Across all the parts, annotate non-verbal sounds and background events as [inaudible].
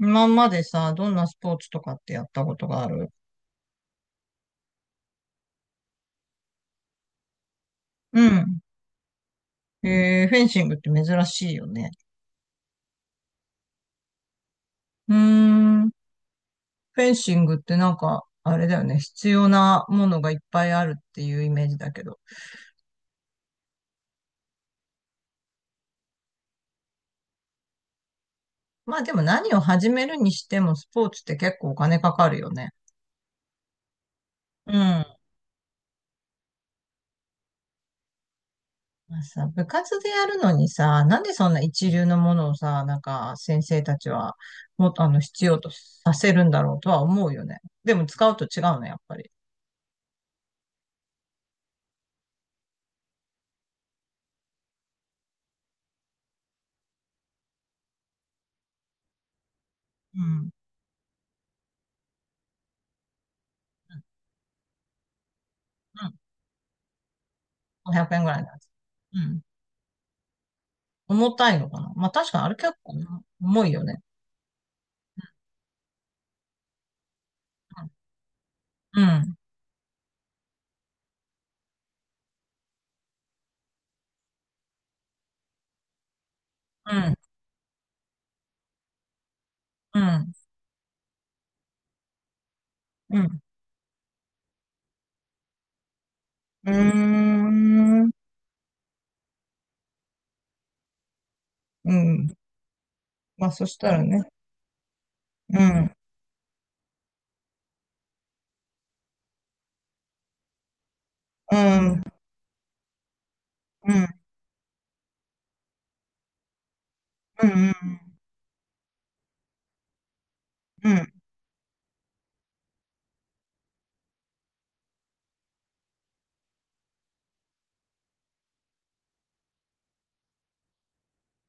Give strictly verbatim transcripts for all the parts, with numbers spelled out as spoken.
今までさ、どんなスポーツとかってやったことがある？うん。えー、フェンシングって珍しいよね。うーん。フェンシングってなんか、あれだよね。必要なものがいっぱいあるっていうイメージだけど。まあでも何を始めるにしてもスポーツって結構お金かかるよね。うん。まあさ、部活でやるのにさ、なんでそんな一流のものをさ、なんか先生たちはもっとあの必要とさせるんだろうとは思うよね。でも使うと違うね、やっぱり。うん。ごひゃくえんぐらいのやつ。うん。重たいのかな。まあ確かにあれ結構重いよね。うん、うん、うん、うん。うんうーん。うん。まあそしたらね。うん、うん、うん、うん、うん。うん。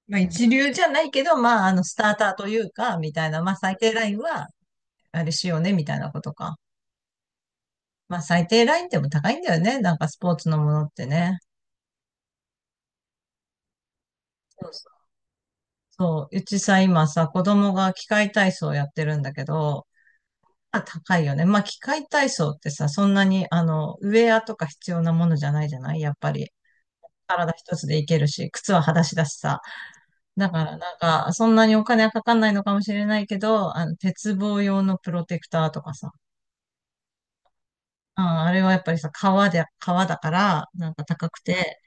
まあ一流じゃないけど、まああのスターターというか、みたいな、まあ最低ラインはあれしようね、みたいなことか。まあ最低ラインでも高いんだよね。なんかスポーツのものってね。そうそう。そう。うちさ、今さ、子供が器械体操やってるんだけど、あ、高いよね。まあ、器械体操ってさ、そんなに、あの、ウェアとか必要なものじゃないじゃないやっぱり。体一つでいけるし、靴は裸足だしさ。だからなんか、そんなにお金はかかんないのかもしれないけど、あの、鉄棒用のプロテクターとかさ。うん、あれはやっぱりさ、革で、革だから、なんか高くて、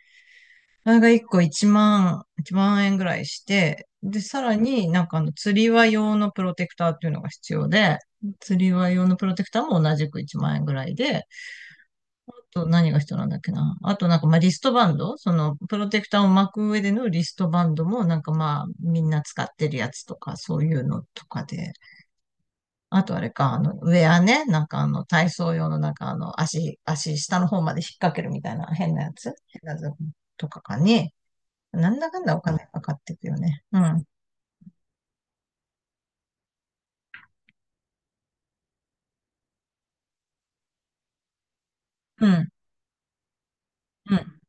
あれがいっこいちまん、いちまん円ぐらいして、で、さらになんかあの、釣り輪用のプロテクターっていうのが必要で、釣り輪用のプロテクターも同じくいちまんえん円ぐらいで、と何が必要なんだっけな。あとなんかまあリストバンドそのプロテクターを巻く上でのリストバンドもなんかまあみんな使ってるやつとかそういうのとかで。あとあれか、あのウェアね。なんかあの体操用のなんかあの足、足下の方まで引っ掛けるみたいな変なやつ変なやつとかかね。なんだかんだお金かかっていくよね。うん。うん。うん。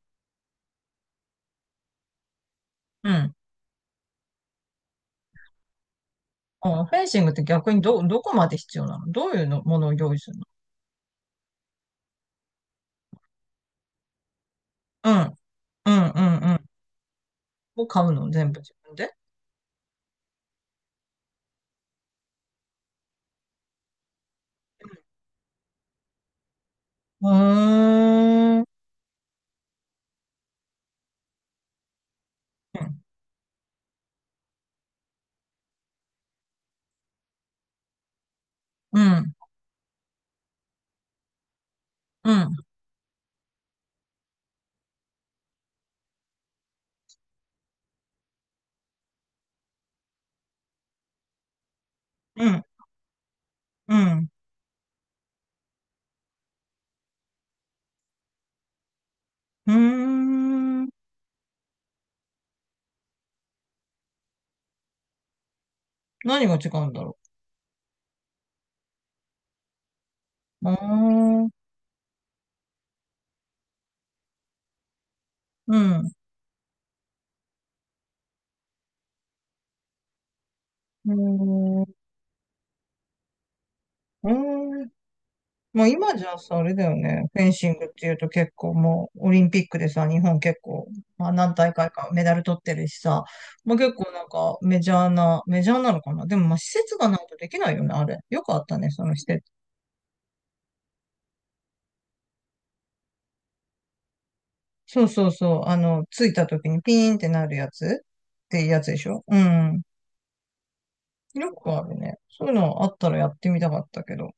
うん。あ、フェンシングって逆にど、どこまで必要なの？どういうのものを用意するの？うん。うん。うん。うん。を買うの全部自分で？うーん。うん。うん。うん。うん。うん。うーん。何が違うんだろう。うーん。うん。うーん。うーん。まあ今じゃさ、あれだよね。フェンシングっていうと結構もうオリンピックでさ、日本結構、まあ何大会かメダル取ってるしさ、まあ結構なんかメジャーな、メジャーなのかな。でもまあ施設がないとできないよね、あれ。よくあったね、その施設。そうそうそう。あの、着いた時にピーンってなるやつっていうやつでしょうん。よくあるね。そういうのあったらやってみたかったけど。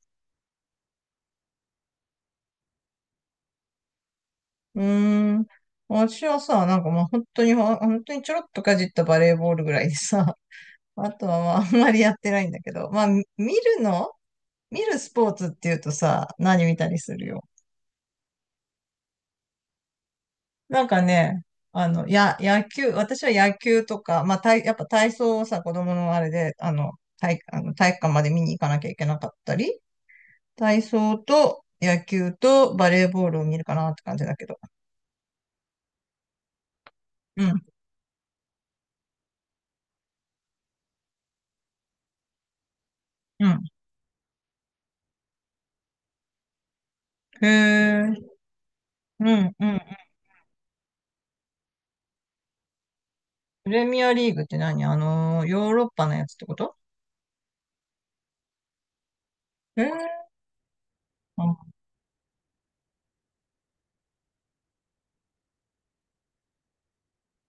うーん。私はさ、なんかまあ本当に、ほん本当にちょろっとかじったバレーボールぐらいでさ、[laughs] あとはまああんまりやってないんだけど、まあみ見るの見るスポーツっていうとさ、何見たりするよ。なんかね、あの、や、野球、私は野球とか、まあ体、やっぱ体操をさ、子供のあれで、あの、体、あの体育館まで見に行かなきゃいけなかったり、体操と野球とバレーボールを見るかなって感じだけど。うん。うん。へえ、うん、うん。プレミアリーグって何、あの、ヨーロッパのやつってこと？へえ、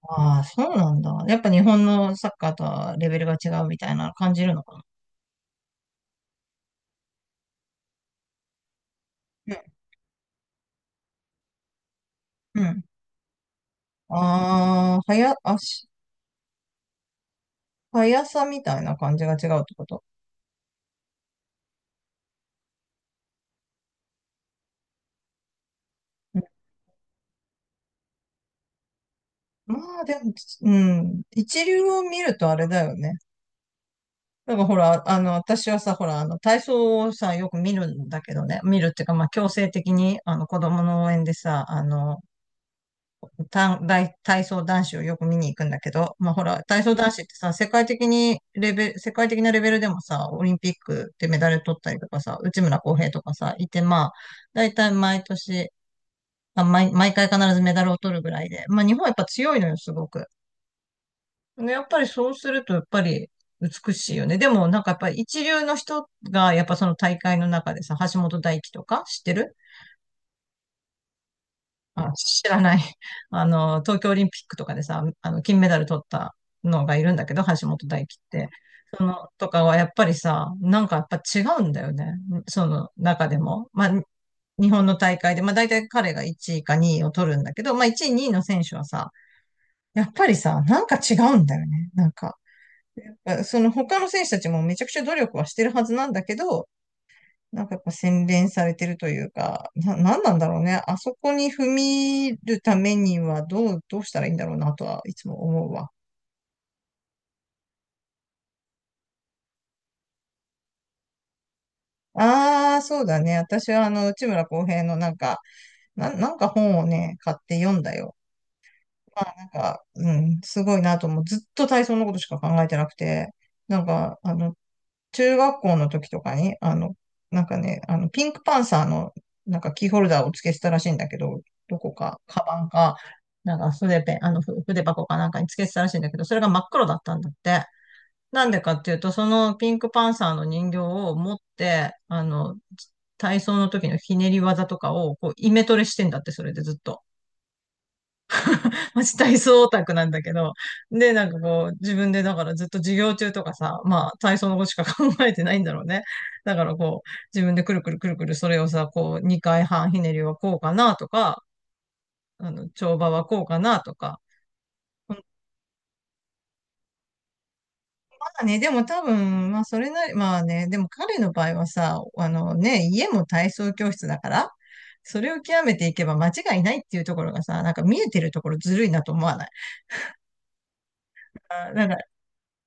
ああー、そうなんだ。やっぱ日本のサッカーとはレベルが違うみたいなの感じるのかな？うん、うん。ああ、はや、あし、速さみたいな感じが違うってこと？うん。まあでも、つうん、一流を見るとあれだよね。だからほら、あの、私はさ、ほら、あの、体操をさ、よく見るんだけどね、見るっていうか、まあ、強制的に、あの、子供の応援でさ、あの、た大体操男子をよく見に行くんだけど、まあほら、体操男子ってさ、世界的にレベル、世界的なレベルでもさ、オリンピックでメダル取ったりとかさ、内村航平とかさ、いて、まあ、大体毎年、あ、毎、毎回必ずメダルを取るぐらいで、まあ日本はやっぱ強いのよ、すごく。でやっぱりそうすると、やっぱり美しいよね。でもなんかやっぱり一流の人が、やっぱその大会の中でさ、橋本大輝とか知ってる？あ、知らない。[laughs] あの、東京オリンピックとかでさ、あの、金メダル取ったのがいるんだけど、橋本大輝って。その、とかはやっぱりさ、なんかやっぱ違うんだよね。その中でも。まあ、に日本の大会で、まあ大体彼がいちいかにいを取るんだけど、まあいちい、にいの選手はさ、やっぱりさ、なんか違うんだよね。なんか、その他の選手たちもめちゃくちゃ努力はしてるはずなんだけど、なんかやっぱ洗練されてるというか、な、なんなんだろうね。あそこに踏み入るためにはどう、どうしたらいいんだろうなとはいつも思うわ。ああ、そうだね。私はあの、内村航平のなんか、な、なんか本をね、買って読んだよ。まあなんか、うん、すごいなと思う。ずっと体操のことしか考えてなくて、なんか、あの、中学校の時とかに、あの、なんかね、あの、ピンクパンサーの、なんかキーホルダーを付けてたらしいんだけど、どこか、カバンか、なんか筆ペン、あの、ふ筆箱かなんかに付けてたらしいんだけど、それが真っ黒だったんだって。なんでかっていうと、そのピンクパンサーの人形を持って、あの、体操の時のひねり技とかを、こう、イメトレしてんだって、それでずっと。マジ体操オタクなんだけど、で、なんかこう、自分でだからずっと授業中とかさ、まあ体操のことしか考えてないんだろうね。だからこう、自分でくるくるくるくるそれをさ、こう、にかいはんひねりはこうかなとか、あの、跳馬はこうかなとか。まあね、でも多分、まあそれなり、まあね、でも彼の場合はさ、あのね、家も体操教室だから、それを極めていけば間違いないっていうところがさ、なんか見えてるところずるいなと思わない？あ、なんか。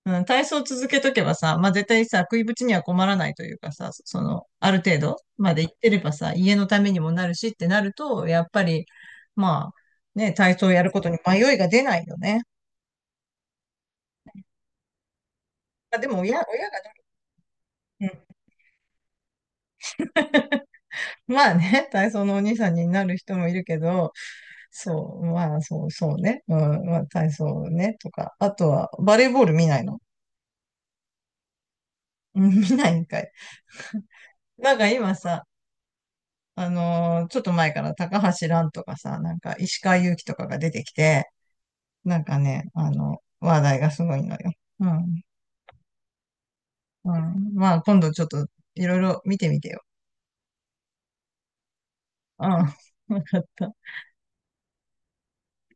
うん、体操を続けとけばさ、まあ、絶対さ、食いぶちには困らないというかさ、その、ある程度まで行ってればさ、家のためにもなるしってなると、やっぱり、まあ、ね、体操をやることに迷いが出ないよね。あ、でも親、親がどう。うん。 [laughs] まあね、体操のお兄さんになる人もいるけど、そう、まあ、そう、そうね。うん、まあ、体操ね、とか。あとは、バレーボール見ないの？うん。 [laughs] 見ないんかい。なんか今さ、あのーちょっと前から高橋蘭とかさ、なんか石川祐希とかが出てきて、なんかね、あの、話題がすごいのよ。うん。うん。まあ、今度ちょっといろいろ見てみてよ。うん。[laughs] わかった。